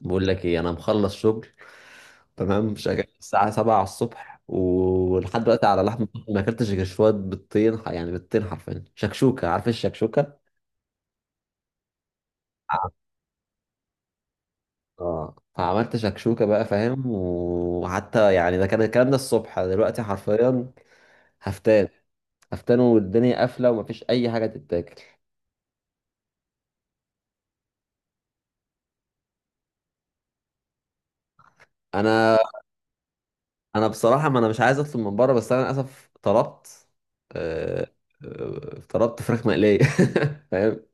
بقول لك ايه، انا مخلص شغل. تمام، شغال الساعة 7 على الصبح ولحد دلوقتي على لحم، ما اكلتش غير شوية بيضتين. يعني بيضتين حرفيا شكشوكة. عارف إيه الشكشوكة؟ اه، فعملت شكشوكة بقى، فاهم، وحتى يعني ده كان الكلام ده الصبح. دلوقتي حرفيا هفتان هفتان، والدنيا قافلة ومفيش أي حاجة تتاكل. أنا أنا بصراحة، ما أنا مش عايز أطلب من بره، بس أنا للأسف طلبت. آه، طلبت فراخ مقلية فاهم؟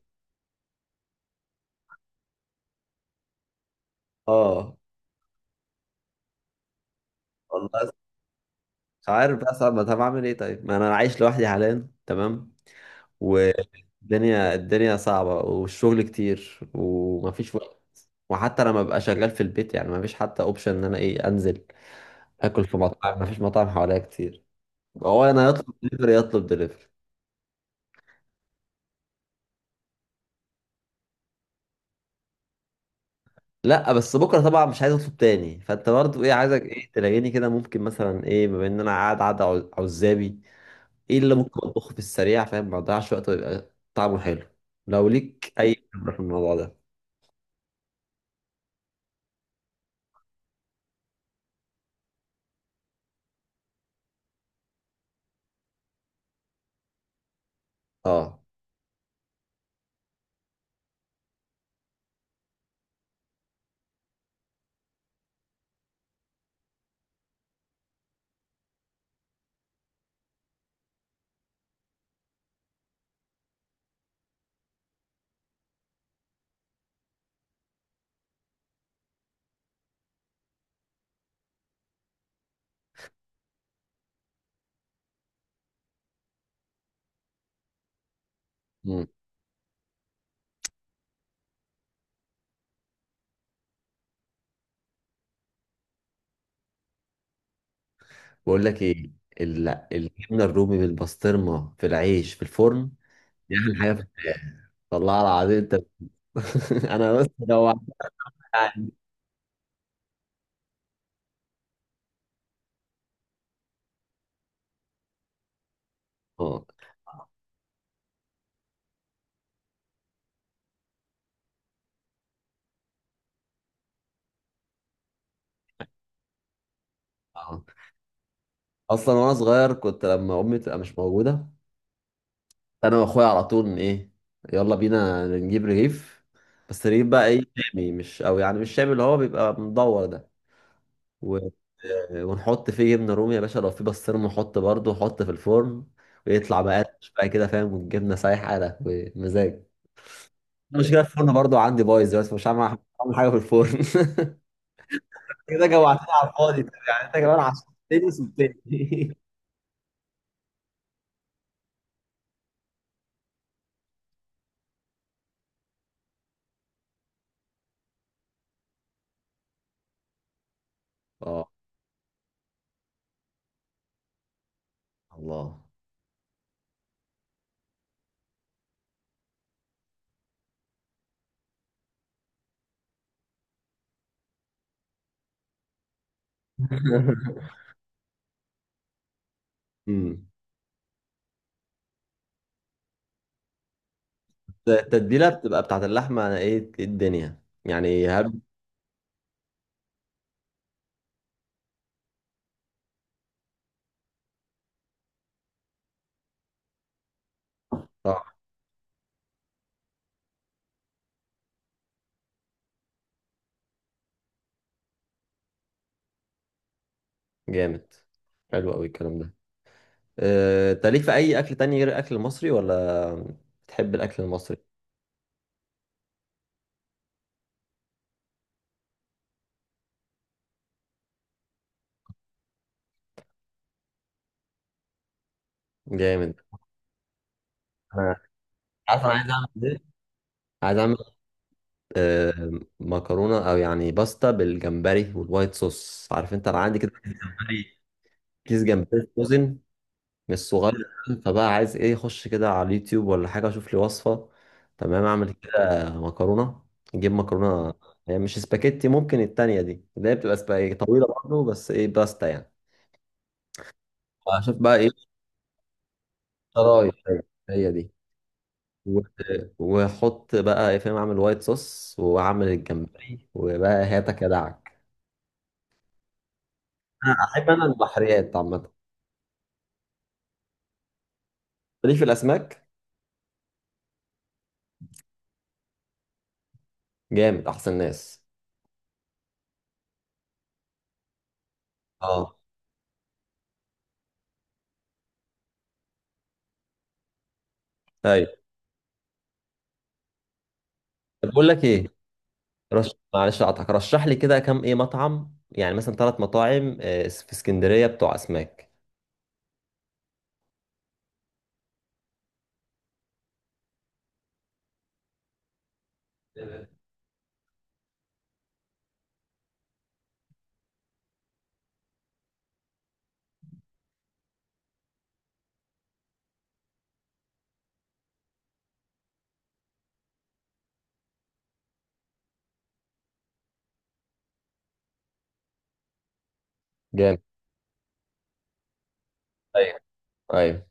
اه، والله مش عارف بقى، صعب. طب اعمل ايه؟ طيب، ما انا عايش لوحدي حاليا، تمام. والدنيا الدنيا صعبة والشغل كتير ومفيش وقت. وحتى لما ببقى شغال في البيت، يعني مفيش حتى اوبشن ان انا ايه انزل اكل في مطاعم، مفيش مطاعم حواليا كتير. هو انا يطلب دليفري، يطلب دليفري. لا، بس بكره طبعا مش عايز اطلب تاني، فانت برضه ايه عايزك ايه تلاقيني كده، ممكن مثلا ايه، بما ان انا قاعد قاعد عزابي، ايه اللي ممكن اطبخه في السريع؟ فاهم، ما اضيعش وقت ويبقى طعمه حلو، لو ليك اي خبرة في الموضوع ده. اه. مم. بقول لك ايه، ال- الجبنه الرومي بالبسطرمه في العيش في الفرن، دي احلى حاجه في الحياه، والله العظيم انت انا بس جوعت. اه، اه. اصلا وانا صغير كنت، لما امي تبقى مش موجوده، انا واخويا على طول، ن- ايه يلا بينا نجيب رغيف، بس رغيف بقى ايه، شامي، مش، او يعني مش شامي اللي هو بيبقى مدور ده. و... ونحط فيه جبنه رومي يا باشا، لو في بسطرمه نحط برضه، نحط في الفرن، ويطلع مقرمش بقى كده، فاهم، والجبنه سايحه ده ومزاج. مشكلة الفرن برضو عندي بايظ دلوقتي، مش هعمل حاجة في الفرن كده جوعتني على الفاضي يعني، انت كمان عشان وسبتني اه، الله امم التتبيلة بتبقى بتاعت اللحمة. أنا إيه الدنيا يعني هب؟ طعم جامد. حلو أوي الكلام ده. أنت ليك في أي أكل تاني غير الأكل المصري، ولا بتحب الأكل المصري؟ جامد. أنا عارف أنا عايز أعمل إيه. عايز أعمل آه، مكرونه، او يعني باستا بالجمبري والوايت صوص. عارف انت، انا عندي كده كيس جمبري فروزن، مش صغير. فبقى عايز ايه، اخش كده على اليوتيوب ولا حاجه اشوف لي وصفه، تمام، اعمل كده مكرونه. نجيب مكرونه، يعني مش سباكيتي، ممكن التانية دي اللي هي بتبقى سباكيتي طويله برضه، بس ايه، باستا يعني. اشوف بقى ايه. شرايط، هي دي. و- واحط بقى ايه، فاهم، اعمل وايت صوص واعمل الجمبري وبقى هاتك يا دعك. أنا احب، انا البحريات عامه، ليه، في الاسماك. جامد. احسن ناس. اه، ايوه. طب بقول لك ايه، معلش اقطعك، رشح لي كده كام ايه مطعم، يعني مثلا ثلاث مطاعم في اسكندريه بتوع اسماك. جامد. ايوه، ايوه،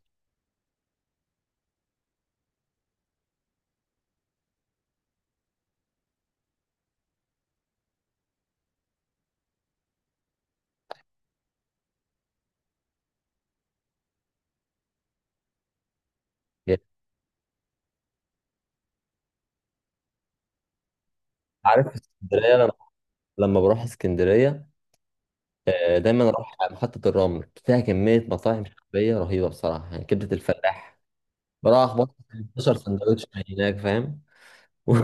جامد. عارف، في اسكندريه لما بروح اسكندريه، دايما اروح على محطه الرمل، فيها كميه مطاعم شعبيه رهيبه بصراحه، يعني كبده الفلاح، بروح اخبط 15 سندوتش من هناك، فاهم و-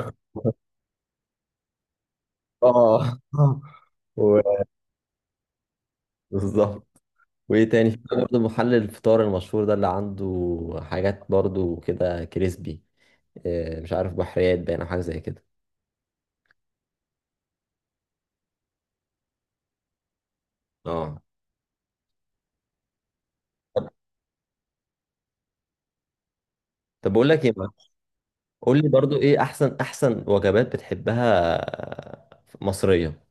اه و- بالظبط. وايه تاني، في برضه محل الفطار المشهور ده اللي عنده حاجات برضه كده كريسبي، مش عارف بحريات باين او حاجه زي كده. اه. طب بقول لك ايه بقى؟ قول لي برضه ايه احسن، وجبات بتحبها، مصريه.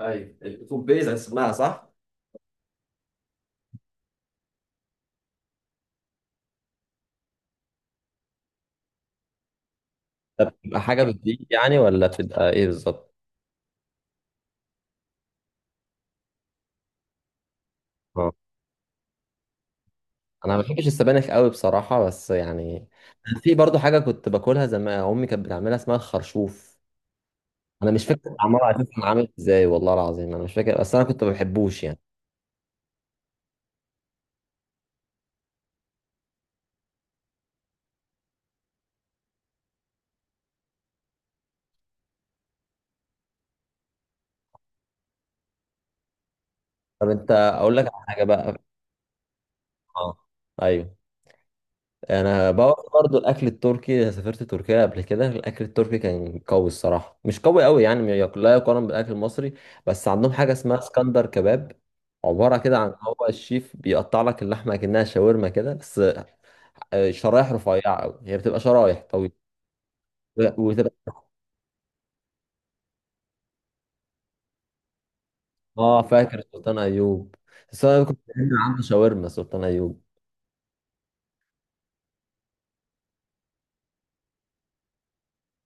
ايوه، الكوبيز اسمها، صح؟ تبقى حاجه بتديك يعني، ولا بتبقى ايه بالظبط؟ اه. انا ما بحبش السبانخ قوي بصراحه، بس يعني في برضه حاجه كنت باكلها زمان، امي كانت بتعملها، اسمها الخرشوف. انا مش فاكر عمار عزيز كان عامل ازاي، والله العظيم انا مش فاكر، بس انا كنت ما بحبوش يعني. طب انت اقول لك على حاجه بقى. اه، ايوه. انا بقى برضو الاكل التركي، سافرت تركيا قبل كده، الاكل التركي كان قوي الصراحه، مش قوي قوي يعني، ما يق- لا يقارن بالاكل المصري. بس عندهم حاجه اسمها اسكندر كباب، عباره كده عن هو الشيف بيقطع لك اللحمه كأنها شاورما كده، بس شرايح رفيعه قوي، هي بتبقى شرايح طويله وتبقى. اه، فاكر سلطان ايوب، بس انا كنت بحب عنده شاورما سلطان ايوب.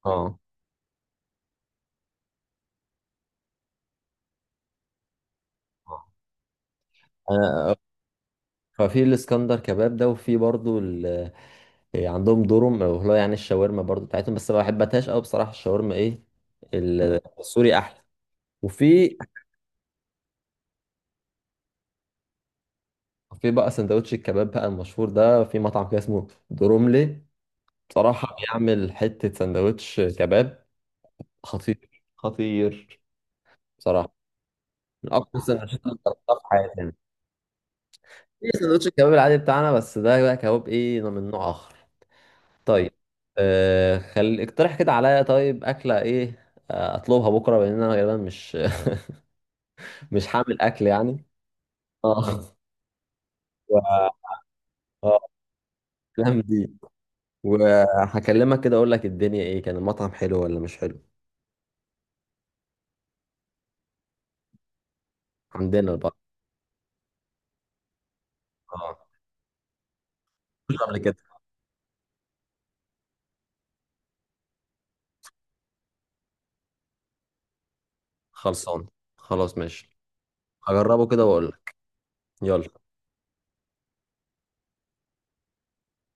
اه. انا ففي الاسكندر كباب ده، وفي برضو عندهم دورم، وهو يعني الشاورما برضو بتاعتهم، بس ما بحبتهاش قوي بصراحه، الشاورما ايه، السوري احلى. وفي بقى سندوتش الكباب بقى المشهور ده، في مطعم كده اسمه دروملي، بصراحه بيعمل حته سندوتش كباب خطير خطير، بصراحه، من اقوى السندوتشات اللي جربتها في حياتي. في سندوتش الكباب العادي بتاعنا، بس ده بقى كباب ايه، من نوع اخر. طيب، خل اقترح كده عليا، طيب اكله ايه، اطلبها بكره لان انا غالبا مش مش هعمل اكل يعني. اه. و... اه، الأيام دي وهكلمك كده، اقول لك الدنيا ايه، كان المطعم حلو ولا مش حلو. عندنا البقى. اه. مش قبل كده. خلصان، خلاص، ماشي. هجربه كده واقول لك. يلا.